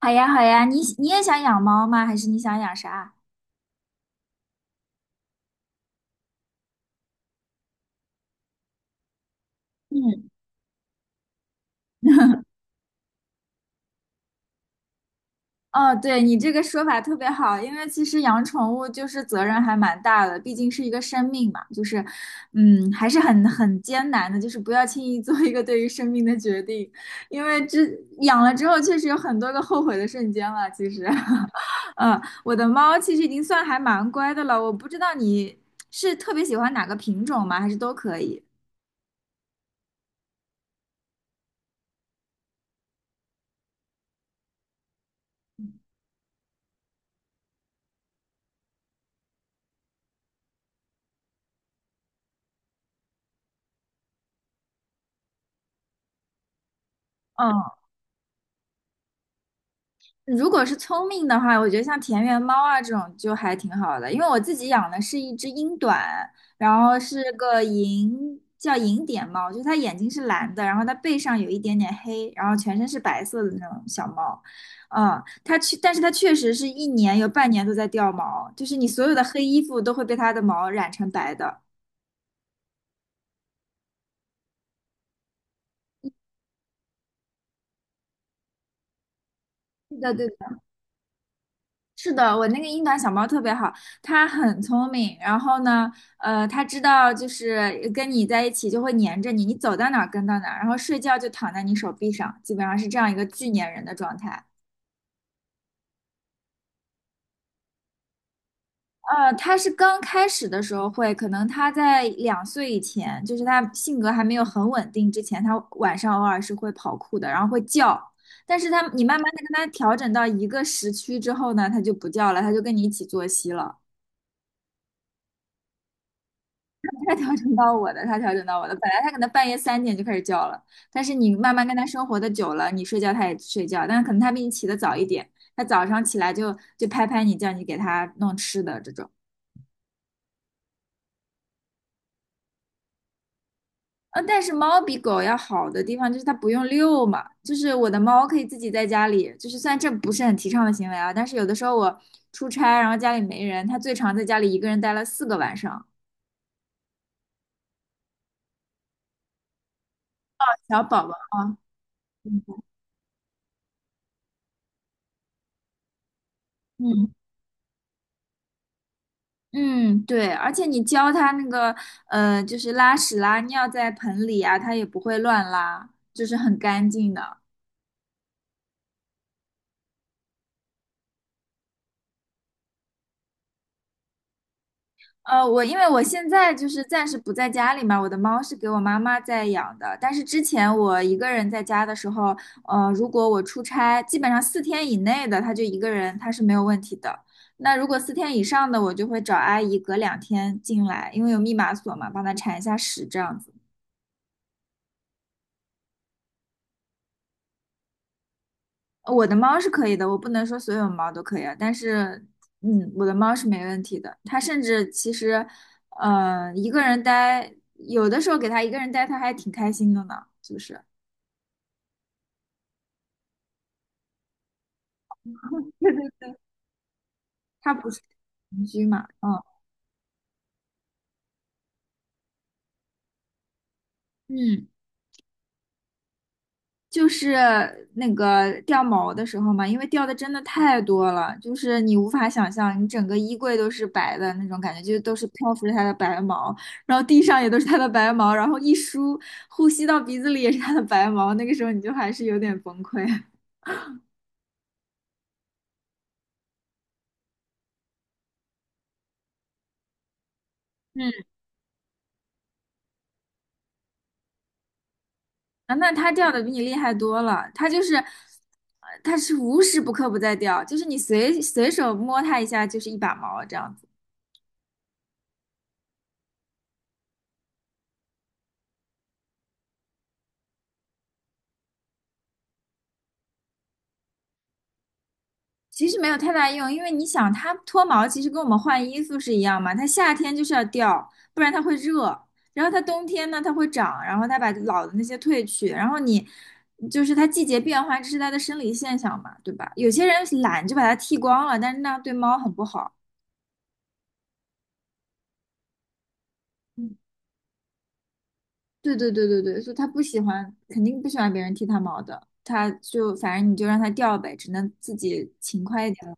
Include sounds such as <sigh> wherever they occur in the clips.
好呀，好呀，你也想养猫吗？还是你想养啥？嗯，哦，对，你这个说法特别好，因为其实养宠物就是责任还蛮大的，毕竟是一个生命嘛，嗯，还是很艰难的，就是不要轻易做一个对于生命的决定，因为这养了之后确实有很多个后悔的瞬间了。<laughs> 嗯，我的猫其实已经算还蛮乖的了，我不知道你是特别喜欢哪个品种吗？还是都可以？嗯。如果是聪明的话，我觉得像田园猫啊这种就还挺好的，因为我自己养的是一只英短，然后是个银，叫银点猫，就是它眼睛是蓝的，然后它背上有一点点黑，然后全身是白色的那种小猫。嗯，但是它确实是一年有半年都在掉毛，就是你所有的黑衣服都会被它的毛染成白的。对的，对，是的，我那个英短小猫特别好，它很聪明。然后呢，它知道就是跟你在一起就会黏着你，你走到哪儿跟到哪儿，然后睡觉就躺在你手臂上，基本上是这样一个巨粘人的状态。它是刚开始的时候会，可能它在2岁以前，就是它性格还没有很稳定之前，它晚上偶尔是会跑酷的，然后会叫。但是它，你慢慢的跟它调整到一个时区之后呢，它就不叫了，它就跟你一起作息了。他调整到我的，他调整到我的。本来他可能半夜3点就开始叫了，但是你慢慢跟他生活的久了，你睡觉他也睡觉，但是可能他比你起得早一点，他早上起来就拍拍你，叫你给他弄吃的这种。呃，但是猫比狗要好的地方就是它不用遛嘛，就是我的猫可以自己在家里，就是虽然这不是很提倡的行为啊，但是有的时候我出差，然后家里没人，它最长在家里一个人待了4个晚上。小宝宝啊，嗯。嗯，嗯，对，而且你教它那个，呃，就是拉屎拉尿在盆里啊，它也不会乱拉，就是很干净的。呃，我因为我现在就是暂时不在家里嘛，我的猫是给我妈妈在养的，但是之前我一个人在家的时候，呃，如果我出差，基本上四天以内的，它就一个人，它是没有问题的。那如果四天以上的，我就会找阿姨隔2天进来，因为有密码锁嘛，帮它铲一下屎这样子。我的猫是可以的，我不能说所有猫都可以啊，但是，嗯，我的猫是没问题的。它甚至其实，呃，一个人待，有的时候给它一个人待，它还挺开心的呢，是不是？<laughs> 对对对，它不是邻居嘛，嗯，嗯。就是那个掉毛的时候嘛，因为掉的真的太多了，就是你无法想象，你整个衣柜都是白的那种感觉，就都是漂浮着它的白毛，然后地上也都是它的白毛，然后一梳，呼吸到鼻子里也是它的白毛，那个时候你就还是有点崩溃。<laughs> 嗯，啊，那它掉的比你厉害多了，它是无时不刻不在掉，就是你随手摸它一下就是一把毛这样子。其实没有太大用，因为你想，它脱毛其实跟我们换衣服是一样嘛，它夏天就是要掉，不然它会热。然后它冬天呢，它会长，然后它把老的那些褪去，然后你就是它季节变化，这是它的生理现象嘛，对吧？有些人懒就把它剃光了，但是那样对猫很不好。嗯，对对对对对，所以它不喜欢，肯定不喜欢别人剃它毛的，它就反正你就让它掉呗，只能自己勤快一点。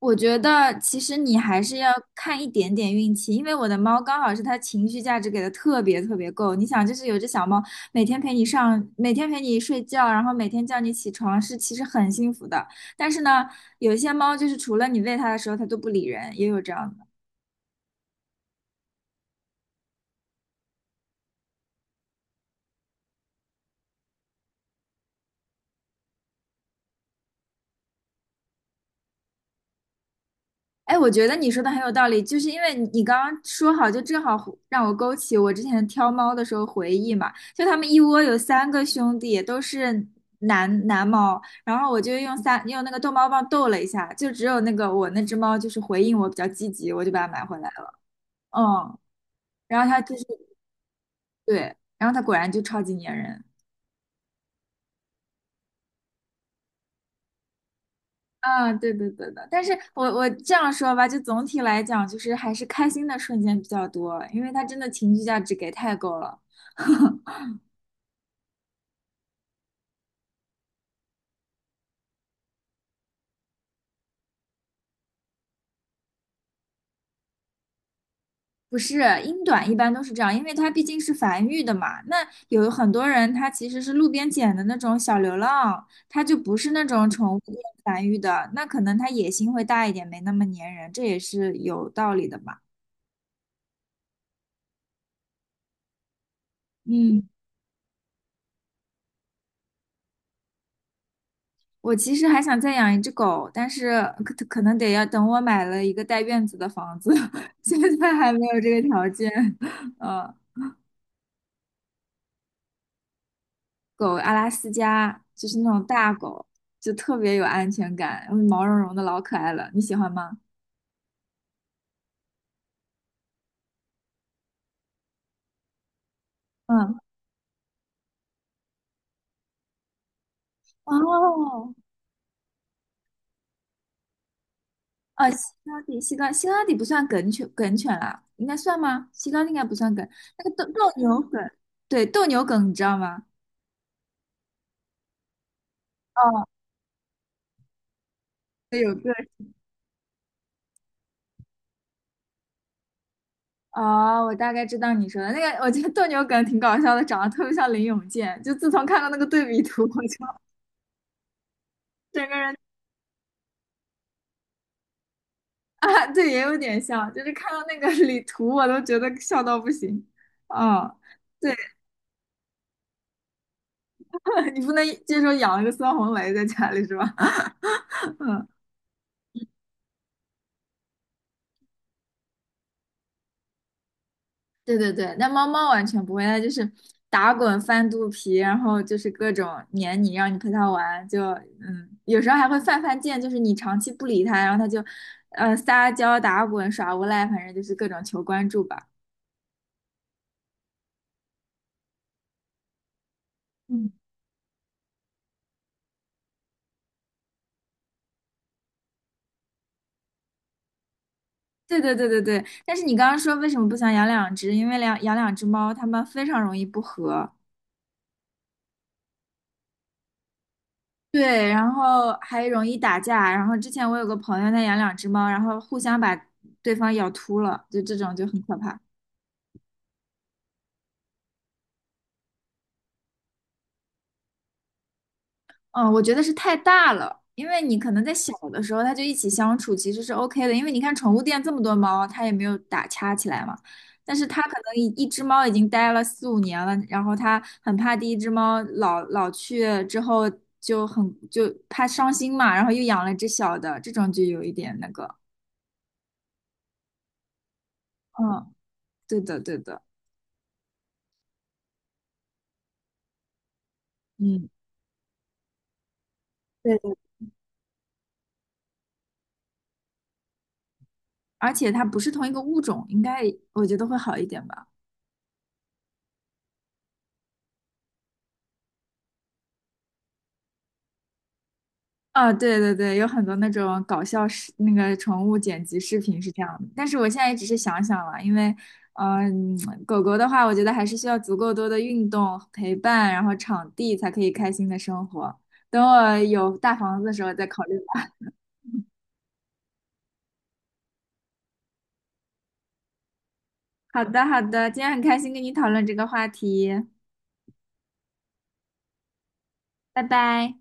我觉得其实你还是要看一点点运气，因为我的猫刚好是它情绪价值给的特别特别够。你想，就是有只小猫，每天陪你上，每天陪你睡觉，然后每天叫你起床，是其实很幸福的。但是呢，有些猫就是除了你喂它的时候，它都不理人，也有这样的。哎，我觉得你说的很有道理，就是因为你刚刚说好，就正好忽让我勾起我之前挑猫的时候回忆嘛。就他们一窝有3个兄弟，都是男猫，然后我就用那个逗猫棒逗了一下，就只有那个我那只猫就是回应我比较积极，我就把它买回来了。嗯，然后它就是对，然后它果然就超级粘人。啊，对对对的，但是我这样说吧，就总体来讲，就是还是开心的瞬间比较多，因为它真的情绪价值给太够了。不是，英短一般都是这样，因为它毕竟是繁育的嘛。那有很多人他其实是路边捡的那种小流浪，它就不是那种宠物店繁育的，那可能它野心会大一点，没那么粘人，这也是有道理的嘛。嗯，我其实还想再养1只狗，但是可能得要等我买了一个带院子的房子，<laughs> 现在还没有这个条件。<laughs> 嗯。狗阿拉斯加，就是那种大狗，就特别有安全感，嗯，毛茸茸的，老可爱了。你喜欢吗？嗯，哦，啊，西高地，西高地不算梗犬，梗犬啊，应该算吗？西高地应该不算梗，那个斗牛梗，对，斗牛梗，你知道吗？哦，对有个。哦，我大概知道你说的那个，我觉得斗牛梗挺搞笑的，长得特别像林永健。就自从看到那个对比图，我就整个人 <laughs> 啊，对，也有点像，就是看到那个 <laughs> 李图，我都觉得笑到不行。嗯，对，<laughs> 你不能接受养了个孙红雷在家里是吧？<laughs> 嗯，对对对，那猫猫完全不会，它就是打滚翻肚皮，然后就是各种黏你，让你陪它玩，就嗯，有时候还会犯贱，就是你长期不理它，然后它就呃撒娇打滚耍无赖，反正就是各种求关注吧。嗯。对对对对对，但是你刚刚说为什么不想养两只？因为养两只猫，它们非常容易不和，对，然后还容易打架。然后之前我有个朋友，他养两只猫，然后互相把对方咬秃了，就这种就很可怕。嗯，我觉得是太大了，因为你可能在小的时候，它就一起相处，其实是 OK 的。因为你看宠物店这么多猫，它也没有打掐起来嘛。但是它可能一只猫已经待了4、5年了，然后它很怕第一只猫老去之后就怕伤心嘛，然后又养了只小的，这种就有一点那个。嗯，对的，对的，嗯，对的。而且它不是同一个物种，应该我觉得会好一点吧。啊，对对对，有很多那种搞笑视那个宠物剪辑视频是这样的，但是我现在也只是想想了，因为，呃嗯、狗狗的话，我觉得还是需要足够多的运动陪伴，然后场地才可以开心的生活。等我有大房子的时候再考虑吧。<laughs> 好的，好的，今天很开心跟你讨论这个话题，拜拜。